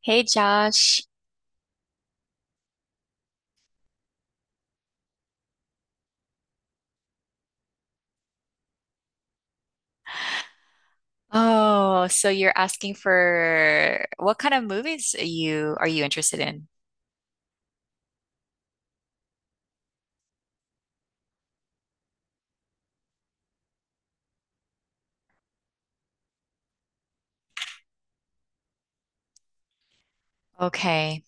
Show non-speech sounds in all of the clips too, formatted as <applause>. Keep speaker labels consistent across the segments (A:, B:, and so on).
A: Hey Josh. Oh, so you're asking for what kind of movies are you interested in? Okay.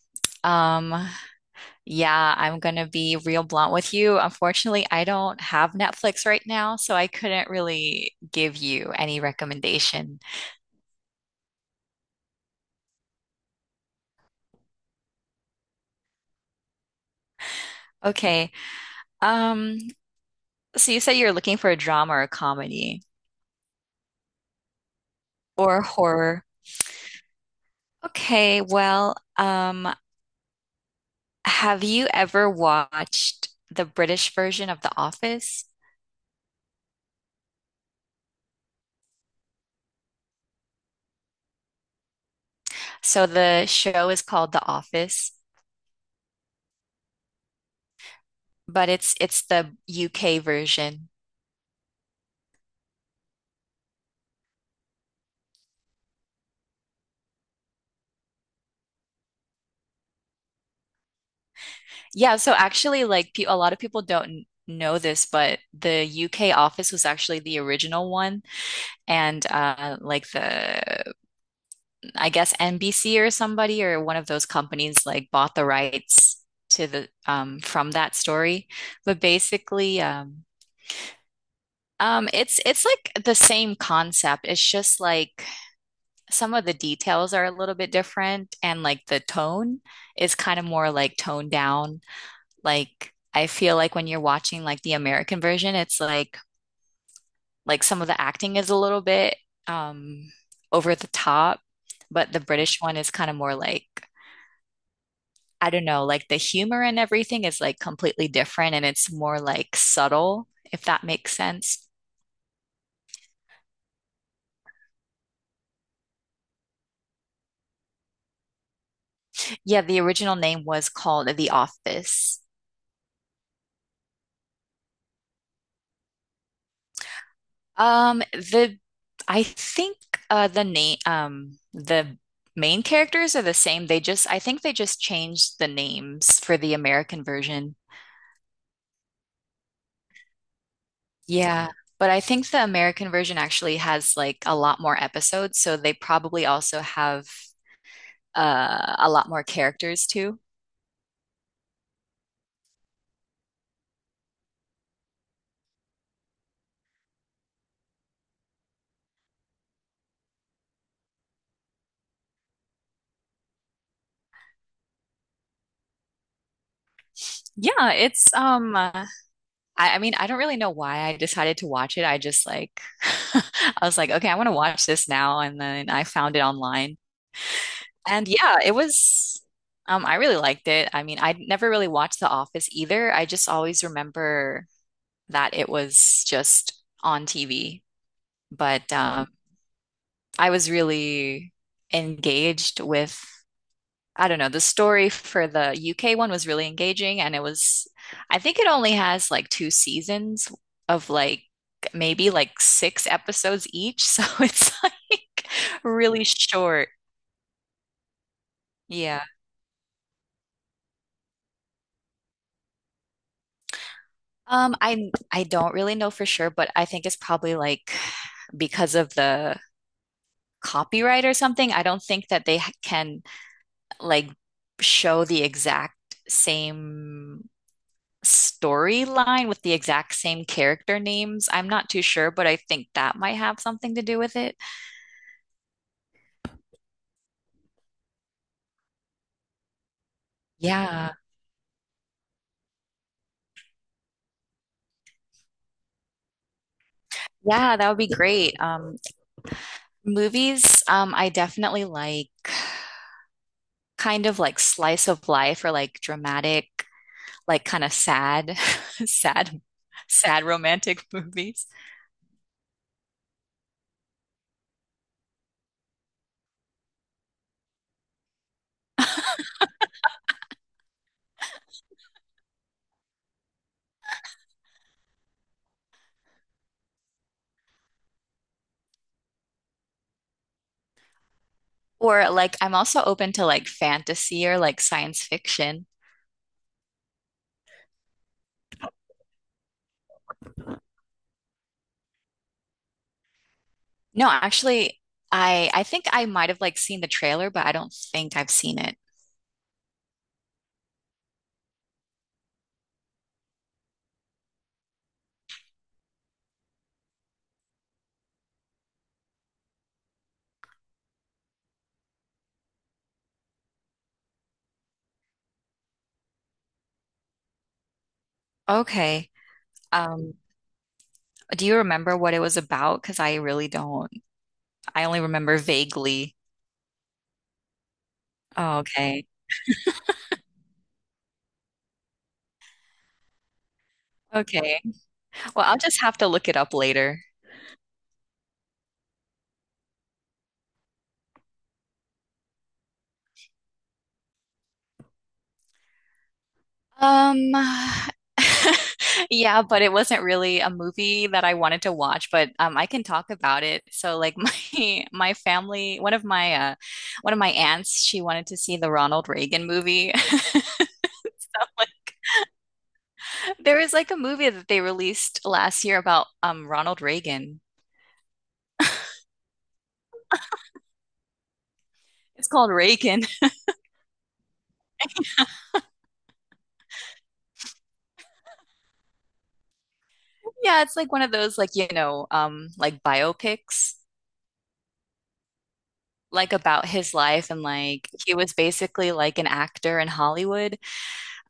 A: Um, yeah, I'm gonna be real blunt with you. Unfortunately, I don't have Netflix right now, so I couldn't really give you any recommendation. Okay. Um, so you said you're looking for a drama or a comedy or horror. Okay, have you ever watched the British version of The Office? So the show is called The Office, but it's the UK version. Yeah, so actually like pe a lot of people don't know this, but the UK Office was actually the original one and like the I guess NBC or somebody or one of those companies like bought the rights to the from that story. But basically it's like the same concept. It's just like some of the details are a little bit different and like the tone is kind of more like toned down. Like I feel like when you're watching like the American version, it's like some of the acting is a little bit um over the top, but the British one is kind of more like I don't know, like the humor and everything is like completely different and it's more like subtle, if that makes sense. Yeah, the original name was called The Office. The I think the name the main characters are the same. They just I think they just changed the names for the American version. Yeah, but I think the American version actually has like a lot more episodes, so they probably also have a lot more characters too. Yeah, I mean I don't really know why I decided to watch it. I just like <laughs> I was like, okay, I want to watch this now, and then I found it online. And yeah, I really liked it. I mean, I never really watched The Office either. I just always remember that it was just on TV. But I was really engaged with, I don't know, the story for the UK one was really engaging. And it was, I think it only has like two seasons of like maybe like six episodes each. <laughs> So it's like really short. Yeah. I don't really know for sure, but I think it's probably like because of the copyright or something. I don't think that they can like show the exact same storyline with the exact same character names. I'm not too sure, but I think that might have something to do with it. Yeah. Yeah, that would be great. Movies, I definitely like kind of like slice of life or like dramatic like <laughs> sad, sad romantic <laughs> movies. Or like I'm also open to like fantasy or like science fiction. No, actually, I think I might have like seen the trailer, but I don't think I've seen it. Okay. Um, do you remember what it was about? Because I really don't. I only remember vaguely. Oh, okay. Okay. Well, I'll just have to look it up later. Um, <laughs> yeah, but it wasn't really a movie that I wanted to watch, but I can talk about it. So, like my <laughs> my family, one of my aunts, she wanted to see the Ronald Reagan movie. <laughs> There is like a movie that they released last year about Ronald Reagan. It's called Reagan. <laughs> Yeah, it's like one of those like, you know, like biopics like about his life and like he was basically like an actor in Hollywood.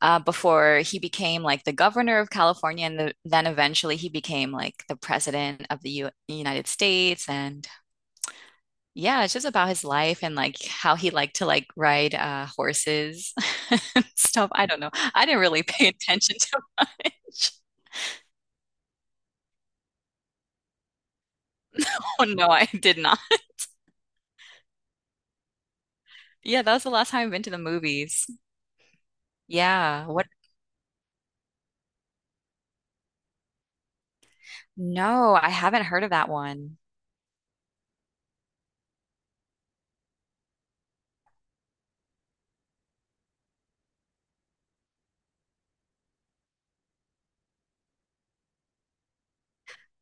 A: Before he became like the governor of California, and then eventually he became like the president of the U United States. And yeah, it's just about his life and like how he liked to like ride horses <laughs> and stuff. I don't know. I didn't really pay <laughs> attention to much. <laughs> Oh no, I did not. Yeah, that was the last time I've been to the movies. Yeah. What? No, I haven't heard of that one.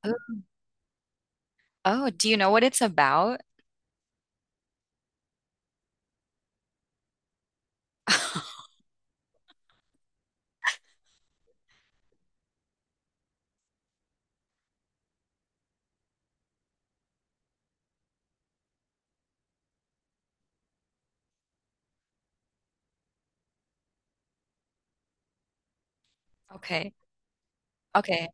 A: Oh, oh, do you know what it's about? <laughs> Okay. Okay.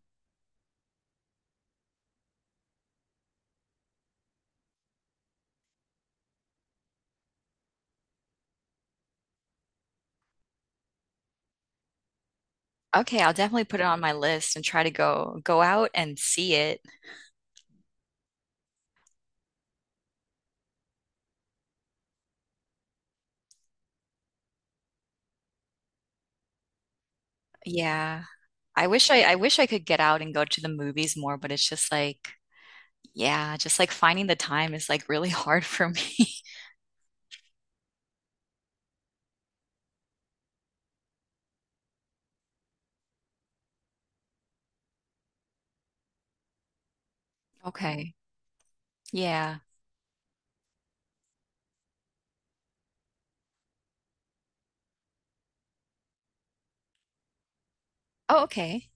A: Okay, I'll definitely put it on my list and try to go out and see it. Yeah. I wish I could get out and go to the movies more, but it's just like yeah, just like finding the time is like really <laughs> hard for me. <laughs> Okay. Yeah. Oh, okay.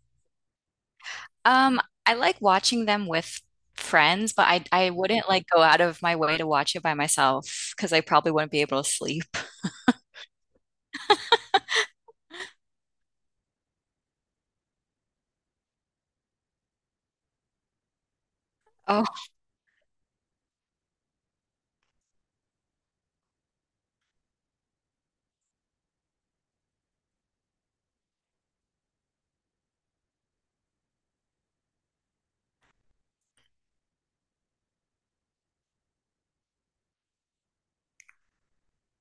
A: Um, I like watching them with friends, but I wouldn't like go out of my way to watch it by myself because I probably wouldn't be able to sleep. <laughs> Oh,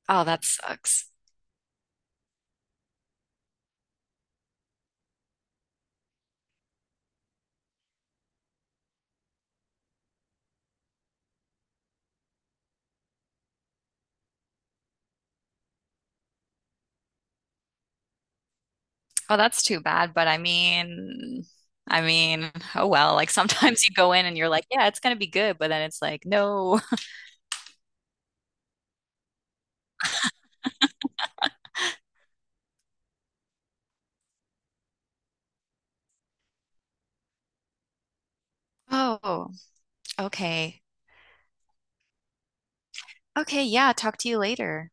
A: oh, that sucks. Oh, that's too bad. But I mean, oh well. Like sometimes you go in and you're like, yeah, it's gonna be good, but then it's like, no. <laughs> Oh, okay. Okay, yeah, talk to you later.